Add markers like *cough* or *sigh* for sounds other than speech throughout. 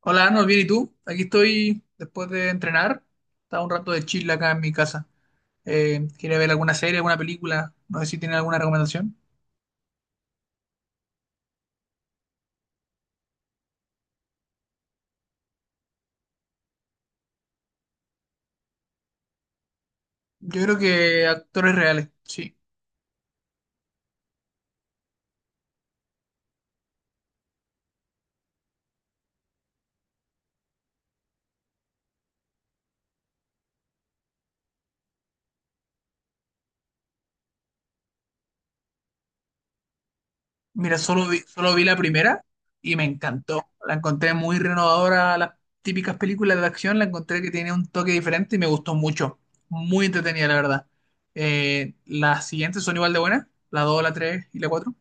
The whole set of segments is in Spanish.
Hola, Arnold, bien, ¿y tú? Aquí estoy después de entrenar. Estaba un rato de chill acá en mi casa. Quería ver alguna serie, alguna película. No sé si tienen alguna recomendación. Yo creo que actores reales, sí. Mira, solo vi la primera y me encantó. La encontré muy renovadora. A Las típicas películas de acción la encontré que tiene un toque diferente y me gustó mucho. Muy entretenida, la verdad. Las siguientes son igual de buenas. La 2, la 3 y la cuatro.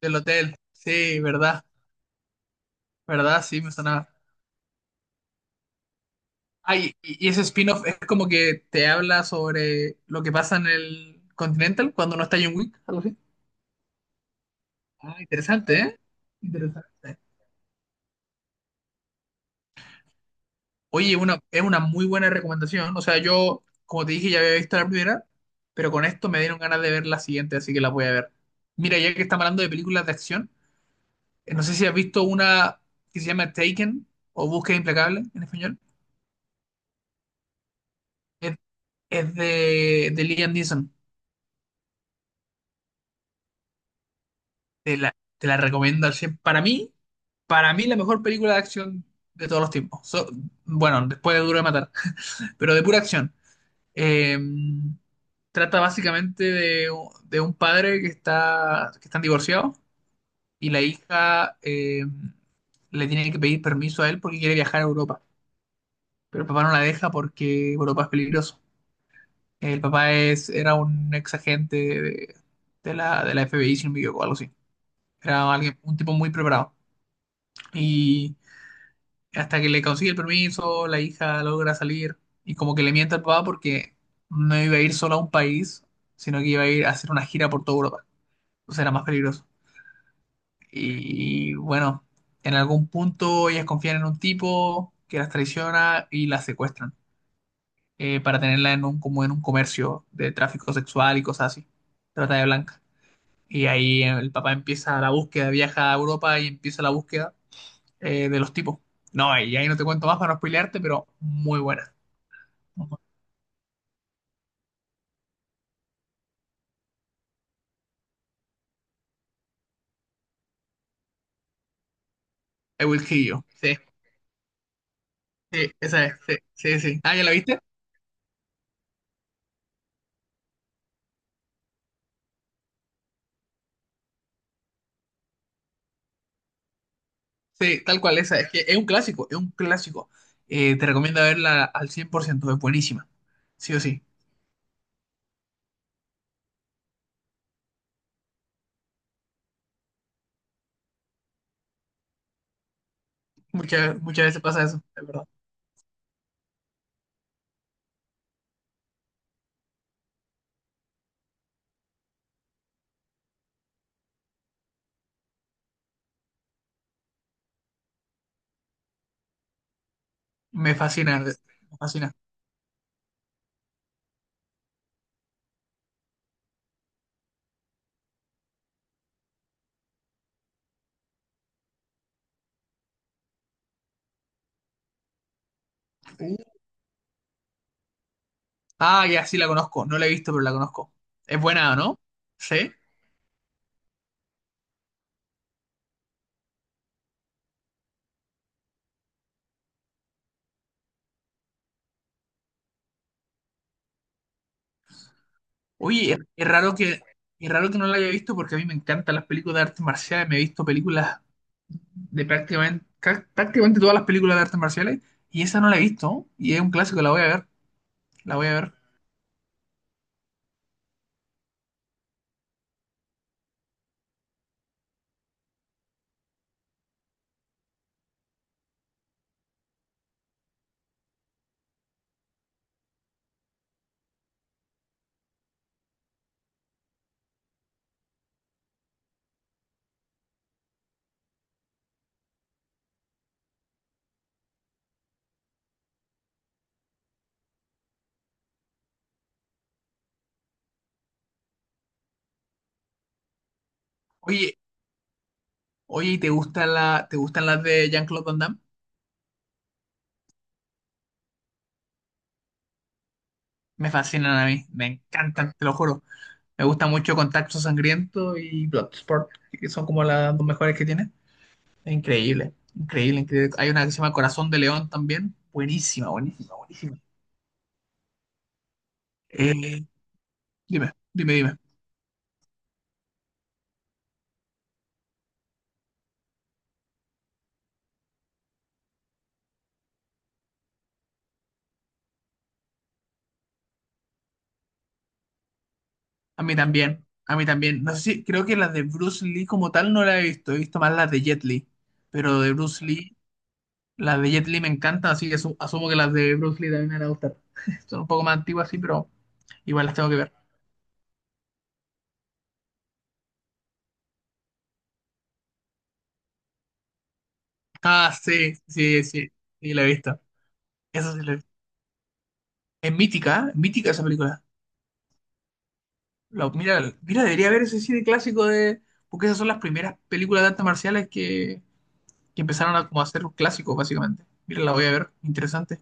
Del hotel. Sí, verdad. ¿Verdad? Sí, me sonaba. Ay, y ese spin-off es como que te habla sobre lo que pasa en el Continental cuando no está John Wick, algo así. Ah, interesante, ¿eh? Interesante. Oye, es una muy buena recomendación. O sea, yo, como te dije, ya había visto la primera, pero con esto me dieron ganas de ver la siguiente, así que la voy a ver. Mira, ya que estamos hablando de películas de acción, no sé si has visto una que se llama Taken o Búsqueda Implacable en español. Es, es de Liam Neeson. Te la recomiendo al 100. Para mí la mejor película de acción de todos los tiempos. Bueno, después de Duro de Matar, *laughs* pero de pura acción. Eh, trata básicamente de un padre que están divorciados y la hija le tiene que pedir permiso a él porque quiere viajar a Europa. Pero el papá no la deja porque Europa es peligroso. Era un ex agente de la FBI, si no me equivoco, algo así. Era alguien, un tipo muy preparado. Y hasta que le consigue el permiso, la hija logra salir y como que le miente al papá porque no iba a ir solo a un país, sino que iba a ir a hacer una gira por toda Europa. Entonces era más peligroso. Y bueno, en algún punto ellas confían en un tipo que las traiciona y las secuestran, para tenerla en un, como en un comercio de tráfico sexual y cosas así. Trata de blanca. Y ahí el papá empieza la búsqueda, viaja a Europa y empieza la búsqueda de los tipos. No, y ahí no te cuento más para no spoilearte, pero muy buena. I Will Kill You. Sí, sí, esa es, sí, sí, sí. Ah, ¿ya la viste? Sí, tal cual, esa es. Que Es un clásico, es un clásico. Te recomiendo verla al 100%, es buenísima. Sí o sí. Muchas, muchas veces pasa eso, es verdad. Me fascina, me fascina. Uh. Ah, ya, sí la conozco. No la he visto, pero la conozco. Es buena, ¿no? Sí. Oye, es raro que no la haya visto porque a mí me encantan las películas de artes marciales. Me he visto películas de prácticamente todas las películas de artes marciales y esa no la he visto y es un clásico, la voy a ver. Oye, oye, ¿y te gusta te gustan las de Jean-Claude Van Damme? Me fascinan a mí, me encantan, te lo juro. Me gusta mucho Contacto Sangriento y Bloodsport, que son como las dos mejores que tiene. Es increíble, increíble, increíble. Hay una que se llama Corazón de León también, buenísima, buenísima, buenísima. Eh, dime, dime, dime. A mí también, a mí también. No sé si, creo que las de Bruce Lee como tal no la he visto más las de Jet Li, pero de Bruce Lee, las de Jet Li me encantan, así que asumo que las de Bruce Lee también me van a gustar. *laughs* Son un poco más antiguas, sí, pero igual las tengo que ver. Ah, sí, sí, sí, sí, la he visto. Eso sí la he visto. Es mítica, ¿eh? Mítica esa película. Mira, mira, debería ver ese cine clásico de... Porque esas son las primeras películas de artes marciales que empezaron a como a ser clásicos, básicamente. Mira, la voy a ver, interesante.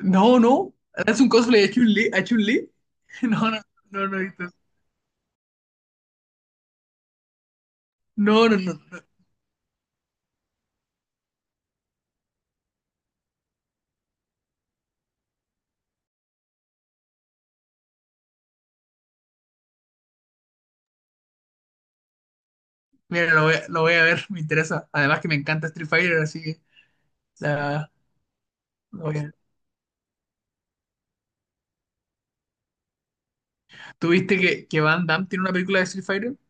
No, no. Es un cosplay de Chun-Li. ¿A Chun-Li? *laughs* No, no, no, no, he visto no, no, no, no. Mira, lo voy a ver, me interesa. Además que me encanta Street Fighter, así que la, lo voy a ver. ¿Tú viste que Van Damme tiene una película de Street Fighter? *laughs*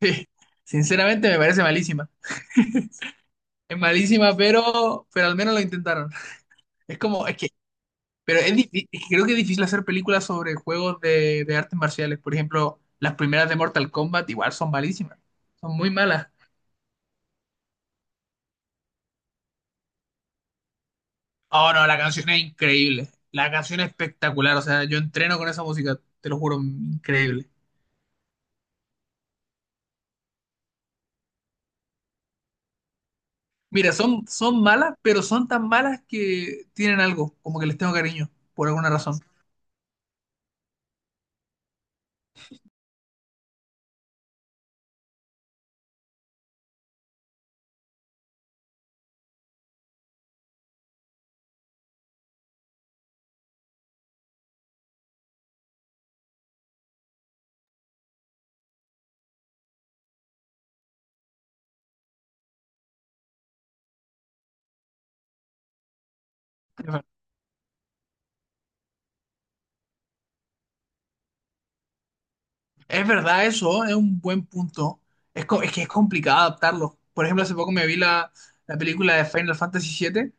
Sí. Sinceramente me parece malísima. Es malísima, pero al menos lo intentaron. *laughs* Es como, es que, pero es es que creo que es difícil hacer películas sobre juegos de artes marciales. Por ejemplo, las primeras de Mortal Kombat igual son malísimas. Son muy malas. Oh, no, la canción es increíble. La canción es espectacular. O sea, yo entreno con esa música, te lo juro, increíble. Mira, son malas, pero son tan malas que tienen algo, como que les tengo cariño, por alguna razón. Es verdad eso, es un buen punto. Es, es que es complicado adaptarlo. Por ejemplo, hace poco me vi la película de Final Fantasy 7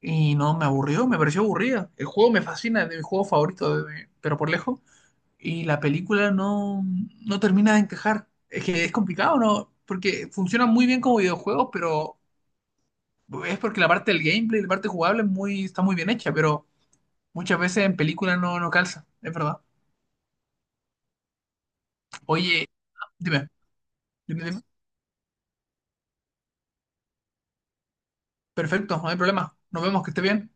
y no, me aburrió, me pareció aburrida. El juego me fascina, es de mis juegos favoritos, de- pero por lejos. Y la película no, no termina de encajar. Es que es complicado, ¿no? Porque funciona muy bien como videojuegos, pero es porque la parte del gameplay, la parte jugable es muy, está muy bien hecha, pero muchas veces en película no, no calza, es verdad. Oye, dime, dime, dime. Perfecto, no hay problema. Nos vemos, que esté bien.